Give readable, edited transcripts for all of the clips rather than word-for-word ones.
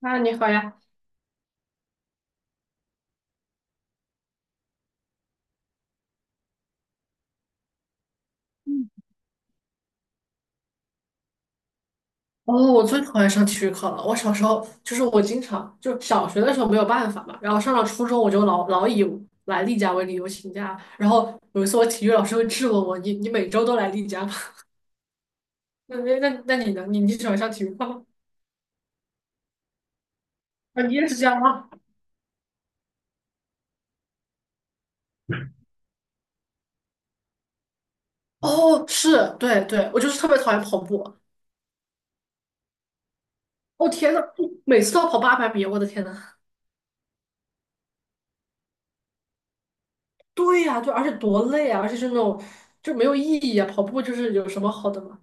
啊，你好呀！哦，我最讨厌上体育课了。我小时候就是我经常就小学的时候没有办法嘛，然后上了初中我就老以来例假为理由请假。然后有一次我体育老师会质问我：“你每周都来例假吗？” 那你呢？你喜欢上体育课吗？啊，你也是这样吗？哦，是，对对，我就是特别讨厌跑步。哦天呐，每次都要跑八百米，我的天呐！对呀，对，而且多累啊，而且是那种就没有意义啊。跑步就是有什么好的吗？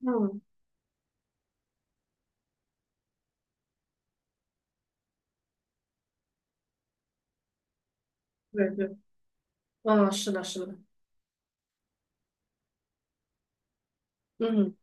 嗯，对对，嗯，是的，是的。嗯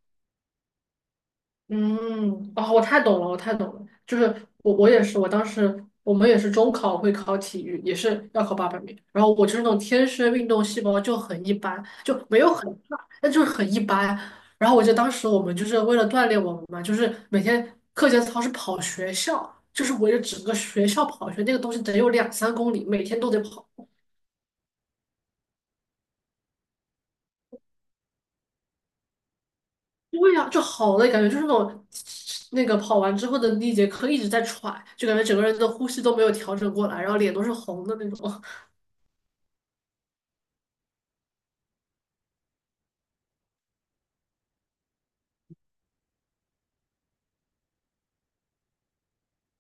嗯，哦，我太懂了，我太懂了。就是我也是，我当时我们也是中考会考体育，也是要考八百米。然后我就是那种天生运动细胞就很一般，就没有很差，但就是很一般。然后我记得当时我们就是为了锻炼我们嘛，就是每天课间操是跑学校，就是围着整个学校跑一圈，那个东西得有两三公里，每天都得跑。对呀，就好累，感觉就是那种那个跑完之后的那节课一直在喘，就感觉整个人的呼吸都没有调整过来，然后脸都是红的那种。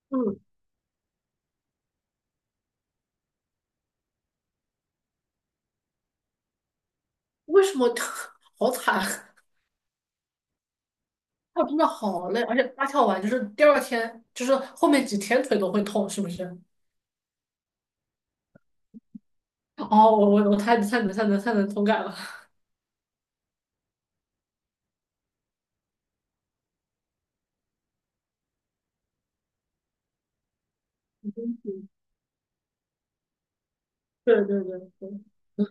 嗯，为什么 好惨啊？跳真的好累，而且蛙跳完就是第二天，就是后面几天腿都会痛，是不是？哦，我太能同感了。对对对对，嗯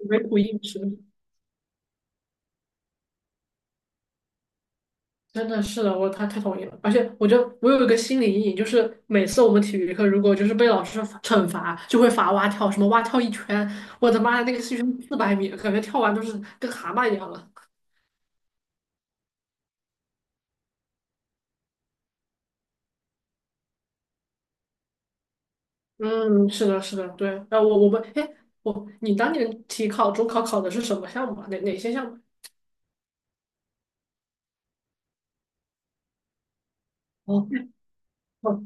没苦硬吃。真的是的，我他太同意了。而且我有一个心理阴影，就是每次我们体育课如果就是被老师惩罚，就会罚蛙跳，什么蛙跳一圈，我的妈呀，那个是一圈400米，感觉跳完都是跟蛤蟆一样了。嗯，是的，是的，对。我我们，哎，你当年体考、中考考的是什么项目啊？哪些项目？哦，哦，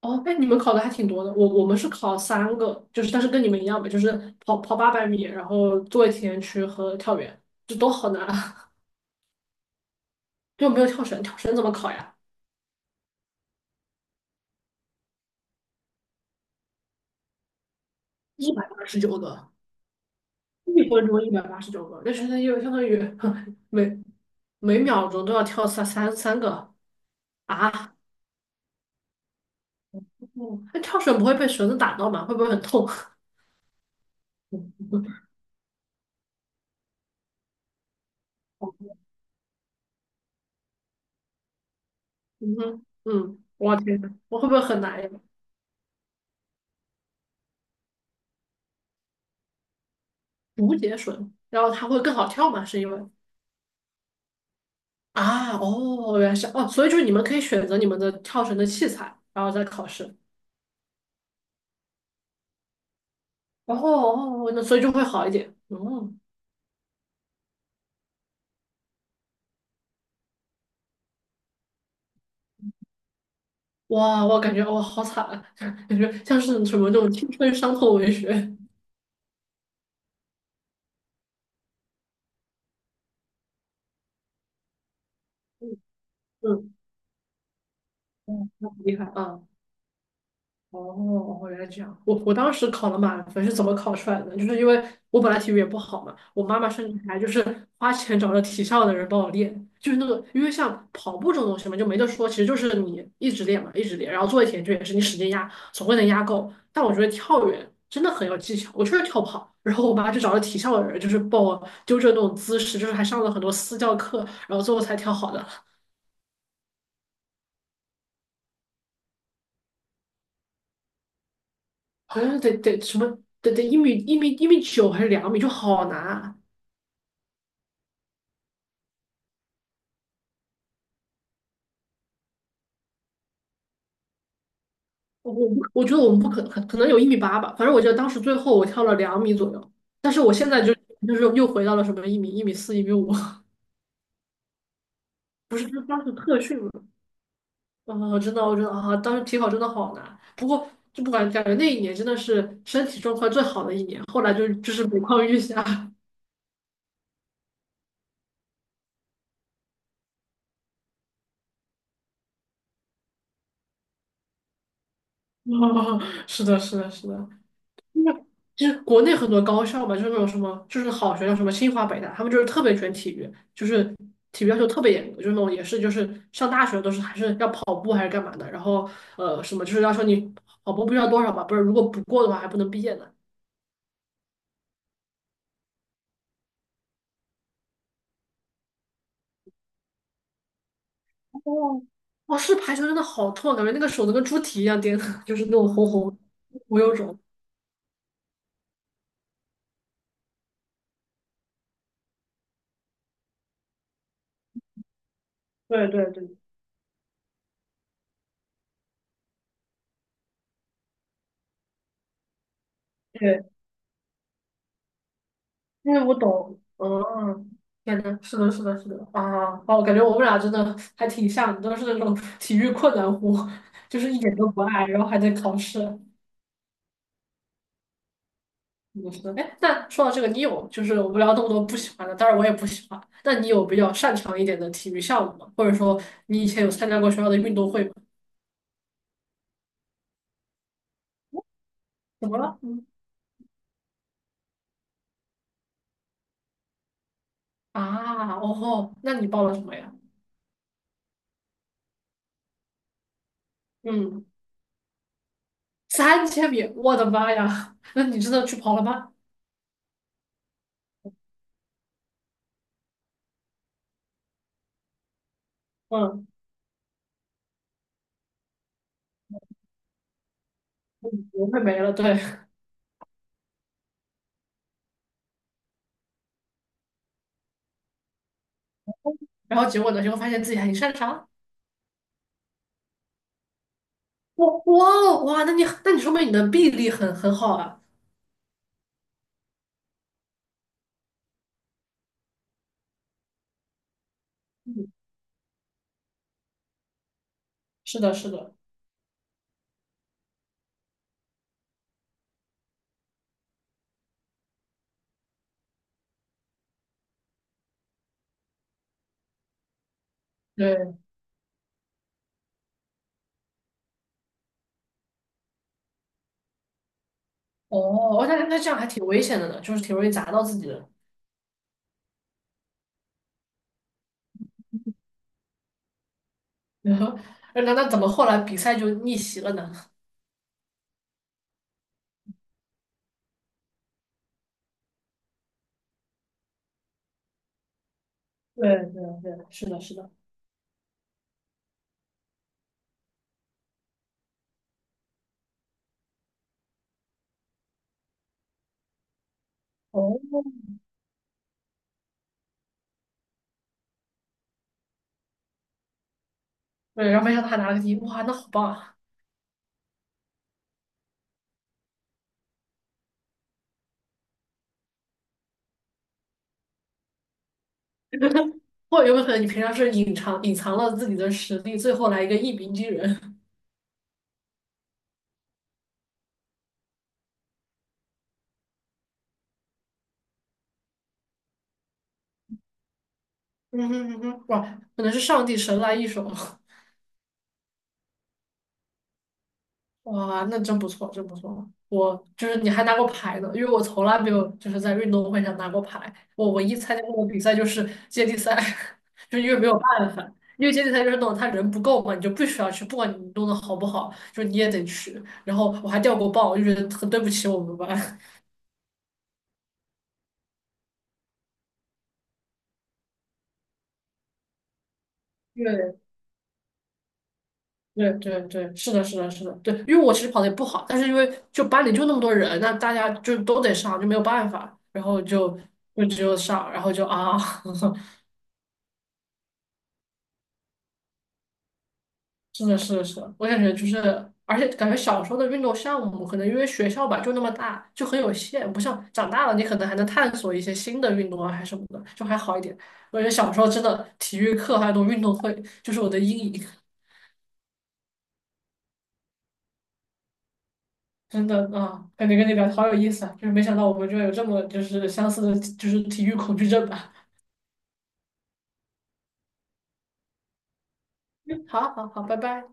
哦，哎，你们考的还挺多的。我们是考三个，就是但是跟你们一样吧，就是跑八百米，然后做一体前屈和跳远，这都好难。就没有跳绳，跳绳怎么考呀？一百八十九个，一分钟一百八十九个，那就相当于 每每秒钟都要跳三个啊！嗯那跳绳不会被绳子打到吗？会不会很痛？嗯哼，嗯，我天呐，我会不会很难呀？竹节绳，然后它会更好跳吗？是因为啊，哦，原来是哦，所以就是你们可以选择你们的跳绳的器材，然后再考试，然后哦，哦那所以就会好一点，哦。哇，我感觉哇，好惨啊，感觉像是什么那种青春伤痛文学。嗯，嗯，那很厉害啊。哦，原来这样。我当时考了满分是怎么考出来的呢？就是因为我本来体育也不好嘛，我妈妈甚至还就是花钱找了体校的人帮我练，就是那个，因为像跑步这种东西嘛，就没得说，其实就是你一直练嘛，一直练，然后做一题就也是你使劲压，总会能压够。但我觉得跳远真的很有技巧，我确实跳不好。然后我妈就找了体校的人，就是帮我纠正那种姿势，就是还上了很多私教课，然后最后才跳好的，好像得什么得1米9还是两米，就好难啊。我不我觉得我们不可能有1米8吧，反正我记得当时最后我跳了两米左右，但是我现在就是又回到了什么1米5，就当时特训嘛。啊，真的我觉得啊，当时体考真的好难。不过就不管感觉那一年真的是身体状况最好的一年，后来就是每况愈下。啊，是的，是的，是的。就是国内很多高校嘛，就是那种什么，就是好学校，什么清华、北大，他们就是特别卷体育，就是体育要求特别严格，就是那种也是就是上大学都是还是要跑步还是干嘛的，然后什么就是要求你跑步不知道多少嘛，不是如果不过的话还不能毕业呢。哦，哦，是排球真的好痛啊，感觉那个手都跟猪蹄一样颠的 就是那种红红我有种。对对对对，因为我懂，嗯，感觉是的，是的，是的，啊，哦，感觉我们俩真的还挺像的，都是那种 体育困难户，就是一点都不爱，然后还在考试，嗯，是的。哎，那说到这个，你有就是我们聊那么多不喜欢的，当然我也不喜欢，那你有比较擅长一点的体育项目吗？或者说你以前有参加过学校的运动会吗？怎么了？嗯，啊，哦吼，那你报了什么呀？嗯，3000米，我的妈呀，那你真的去跑了吗？嗯，不会没了，对。然后结果呢，就会发现自己还挺擅长。哇哇哦哇，那你说明你的臂力很好啊。嗯，是的，是的，对。哦，我感觉那这样还挺危险的呢，就是挺容易砸到自己的。然后，那怎么后来比赛就逆袭了呢？对对对，是的，是的。哦，对，然后没想到他拿了个第一，哇，那好棒啊！或者有没有可能你平常是隐藏隐藏了自己的实力，最后来一个一鸣惊人？嗯哼嗯哼，哇，可能是上帝神来一手。哇，那真不错，真不错。我就是你还拿过牌呢，因为我从来没有就是在运动会上拿过牌。我唯一参加过的比赛就是接力赛，就因为没有办法，因为接力赛就是那种他人不够嘛，你就必须要去，不管你弄得好不好，就你也得去。然后我还掉过棒，我就觉得很对不起我们班。对对对对，是的，是的，是的，对，因为我其实跑得也不好，但是因为就班里就那么多人，那大家就都得上，就没有办法，然后就只有上，然后就啊。是的，是的，是的，我感觉就是，而且感觉小时候的运动项目，可能因为学校吧就那么大，就很有限，不像长大了你可能还能探索一些新的运动啊，还什么的，就还好一点。我觉得小时候真的体育课还有那种运动会，就是我的阴影，真的啊，感觉跟你聊好有意思啊，就是没想到我们居然有这么就是相似的，就是体育恐惧症吧。好好好，拜拜。